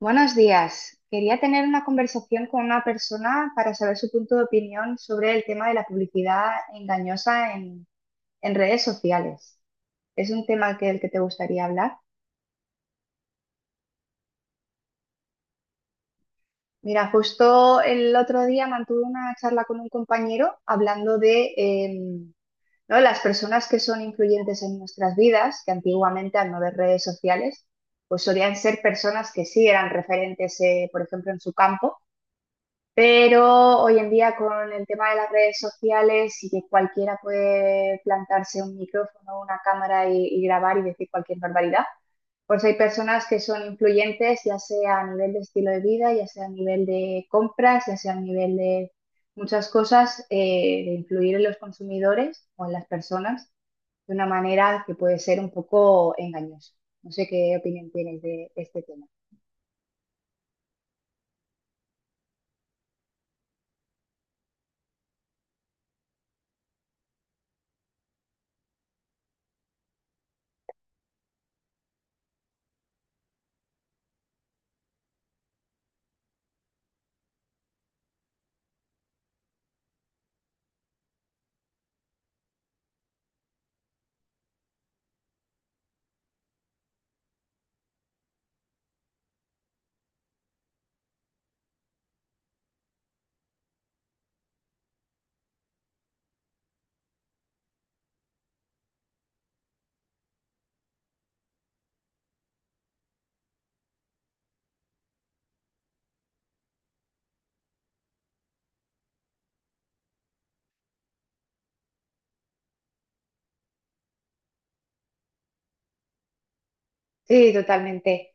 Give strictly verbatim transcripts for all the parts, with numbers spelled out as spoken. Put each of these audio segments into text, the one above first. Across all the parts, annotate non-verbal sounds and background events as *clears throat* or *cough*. Buenos días. Quería tener una conversación con una persona para saber su punto de opinión sobre el tema de la publicidad engañosa en, en redes sociales. ¿Es un tema que, el que te gustaría hablar? Mira, justo el otro día mantuve una charla con un compañero hablando de em, ¿no? Las personas que son influyentes en nuestras vidas, que antiguamente al no ver redes sociales, pues solían ser personas que sí eran referentes, eh, por ejemplo, en su campo. Pero hoy en día con el tema de las redes sociales y que cualquiera puede plantarse un micrófono, una cámara y, y grabar y decir cualquier barbaridad, pues hay personas que son influyentes, ya sea a nivel de estilo de vida, ya sea a nivel de compras, ya sea a nivel de muchas cosas, eh, de influir en los consumidores o en las personas de una manera que puede ser un poco engañosa. No sé qué opinión tienes de este tema. Sí, totalmente.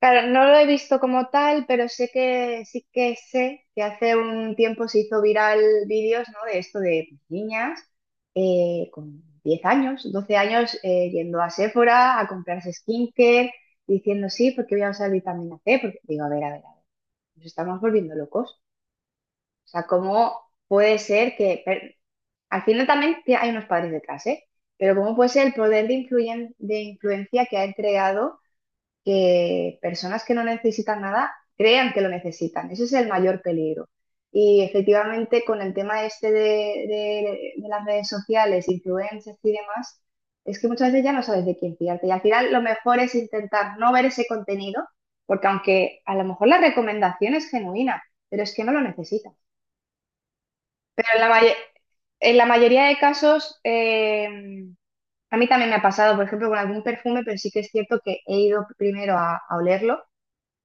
Claro, no lo he visto como tal, pero sé que sí, que sé que hace un tiempo se hizo viral vídeos, ¿no? De esto de pues, niñas eh, con diez años, doce años eh, yendo a Sephora a comprarse skincare, diciendo sí, porque voy a usar vitamina ce, porque digo, a ver, a ver, a ver, nos estamos volviendo locos. O sea, ¿cómo puede ser que, per- al final también que hay unos padres detrás, ¿eh? Pero ¿cómo puede ser el poder de, influyen- de influencia que ha entregado que personas que no necesitan nada crean que lo necesitan? Ese es el mayor peligro. Y efectivamente con el tema este de, de- de las redes sociales, influencers y demás, es que muchas veces ya no sabes de quién fiarte. Y al final lo mejor es intentar no ver ese contenido, porque aunque a lo mejor la recomendación es genuina, pero es que no lo necesitas. Pero en la, may- en la mayoría de casos, eh, a mí también me ha pasado, por ejemplo, con algún perfume, pero sí que es cierto que he ido primero a, a olerlo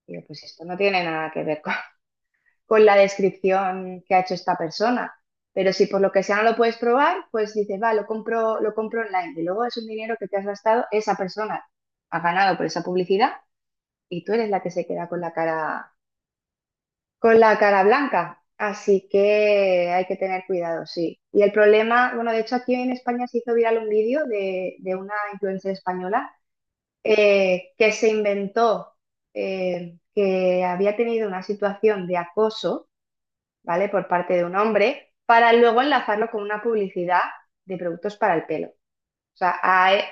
y pues esto no tiene nada que ver con, *laughs* con la descripción que ha hecho esta persona. Pero si por lo que sea no lo puedes probar, pues dices, va, lo compro, lo compro online. Y luego es un dinero que te has gastado, esa persona ha ganado por esa publicidad y tú eres la que se queda con la cara, con la cara blanca. Así que hay que tener cuidado, sí. Y el problema, bueno, de hecho aquí en España se hizo viral un vídeo de, de una influencer española eh, que se inventó eh, que había tenido una situación de acoso, ¿vale? Por parte de un hombre, para luego enlazarlo con una publicidad de productos para el pelo. O sea, hay-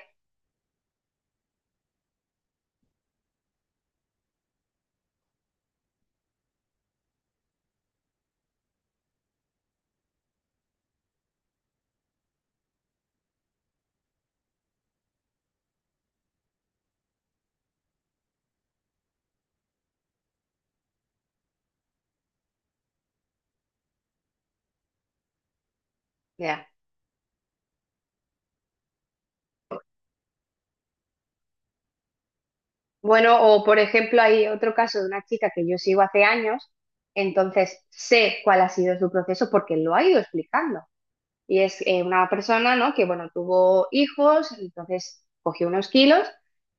mira. Bueno, o por ejemplo, hay otro caso de una chica que yo sigo hace años, entonces sé cuál ha sido su proceso porque lo ha ido explicando. Y es eh, una persona, ¿no? Que, bueno, tuvo hijos, entonces cogió unos kilos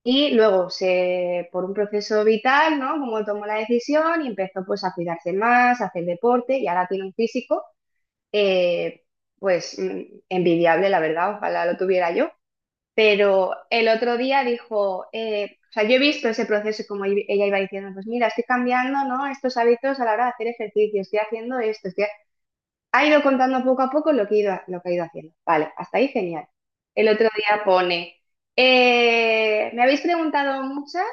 y luego se, por un proceso vital, ¿no? Como tomó la decisión y empezó pues a cuidarse más, a hacer deporte y ahora tiene un físico, eh, pues mm, envidiable, la verdad, ojalá lo tuviera yo. Pero el otro día dijo, eh, o sea, yo he visto ese proceso y como i- ella iba diciendo, pues mira, estoy cambiando, ¿no? Estos hábitos a la hora de hacer ejercicio, estoy haciendo esto, estoy ha ido contando poco a poco lo que, he ido, lo que ha ido haciendo. Vale, hasta ahí genial. El otro día pone, eh, me habéis preguntado muchas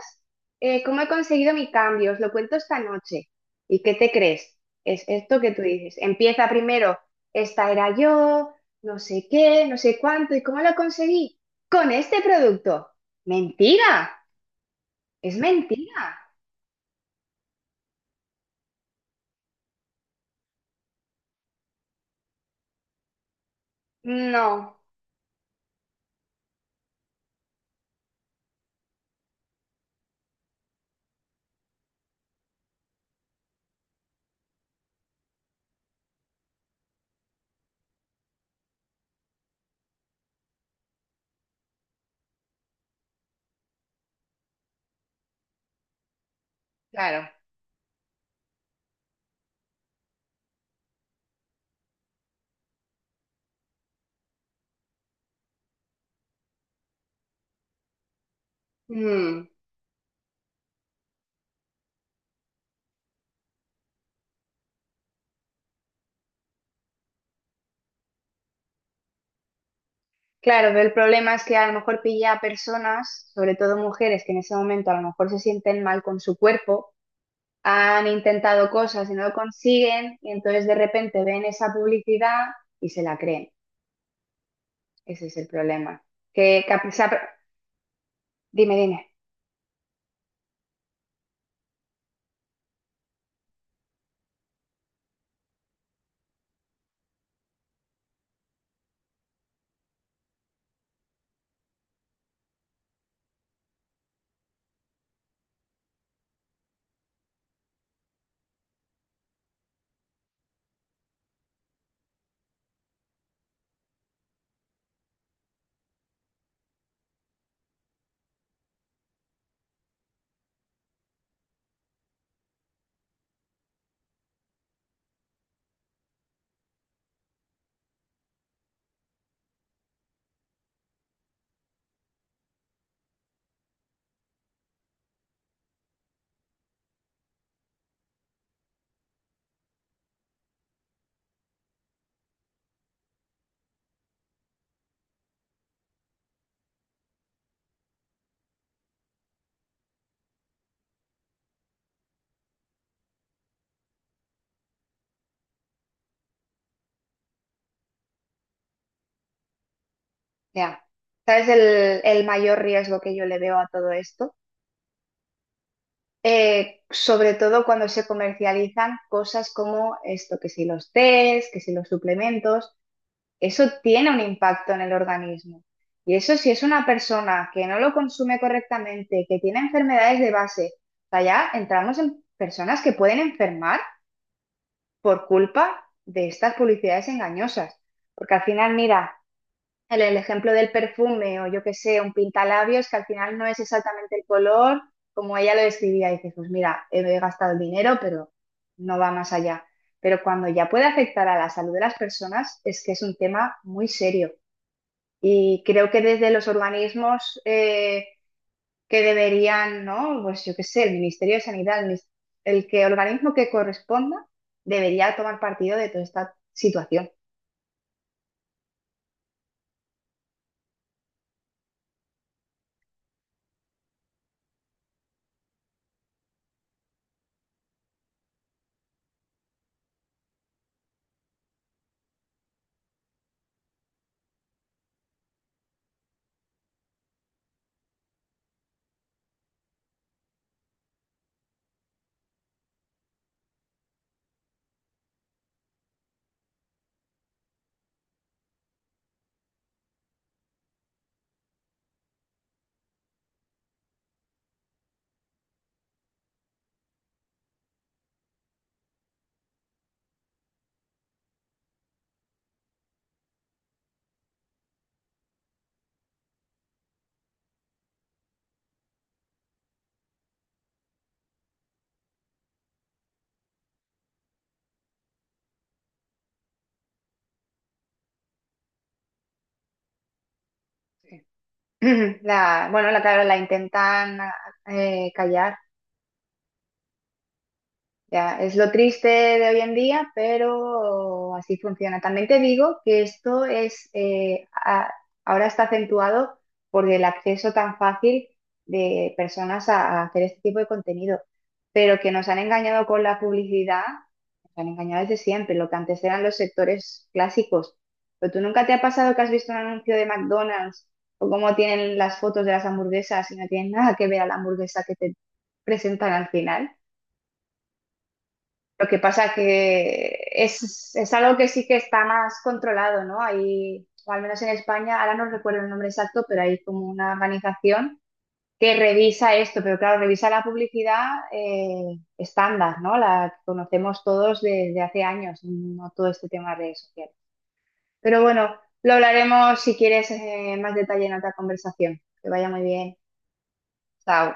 eh, cómo he conseguido mi cambio, os lo cuento esta noche. ¿Y qué te crees? Es esto que tú dices. Empieza primero, esta era yo, no sé qué, no sé cuánto, ¿y cómo lo conseguí? Con este producto. Mentira, es mentira. No, claro. Mm. Claro, pero el problema es que a lo mejor pilla a personas, sobre todo mujeres, que en ese momento a lo mejor se sienten mal con su cuerpo, han intentado cosas y no lo consiguen, y entonces de repente ven esa publicidad y se la creen. Ese es el problema. Que, que a pesar- dime, dime, ya. ¿Sabes el, el mayor riesgo que yo le veo a todo esto? Eh, sobre todo cuando se comercializan cosas como esto, que si los tés, que si los suplementos. Eso tiene un impacto en el organismo. Y eso si es una persona que no lo consume correctamente, que tiene enfermedades de base, o sea, ya entramos en personas que pueden enfermar por culpa de estas publicidades engañosas. Porque al final, mira, el, el ejemplo del perfume o yo qué sé, un pintalabios que al final no es exactamente el color como ella lo describía. Y dices, pues mira, he gastado el dinero, pero no va más allá. Pero cuando ya puede afectar a la salud de las personas, es que es un tema muy serio. Y creo que desde los organismos eh, que deberían, ¿no? Pues yo qué sé, el Ministerio de Sanidad, el, mis- el que organismo que corresponda, debería tomar partido de toda esta situación. *clears throat* La, bueno, la, claro, la intentan eh, callar. Ya, es lo triste de hoy en día, pero así funciona. También te digo que esto es, eh, a- ahora está acentuado por el acceso tan fácil de personas a, a hacer este tipo de contenido, pero que nos han engañado con la publicidad, nos han engañado desde siempre, lo que antes eran los sectores clásicos. Pero tú nunca te ha pasado que has visto un anuncio de McDonald's o cómo tienen las fotos de las hamburguesas y no tienen nada que ver a la hamburguesa que te presentan al final. Lo que pasa que es, es algo que sí que está más controlado, ¿no? Hay, o al menos en España, ahora no recuerdo el nombre exacto, pero hay como una organización que revisa esto, pero claro, revisa la publicidad eh, estándar, ¿no? La que conocemos todos desde hace años, no todo este tema de redes sociales. Pero bueno, lo hablaremos si quieres eh, más detalle en otra conversación. Que vaya muy bien. Chao.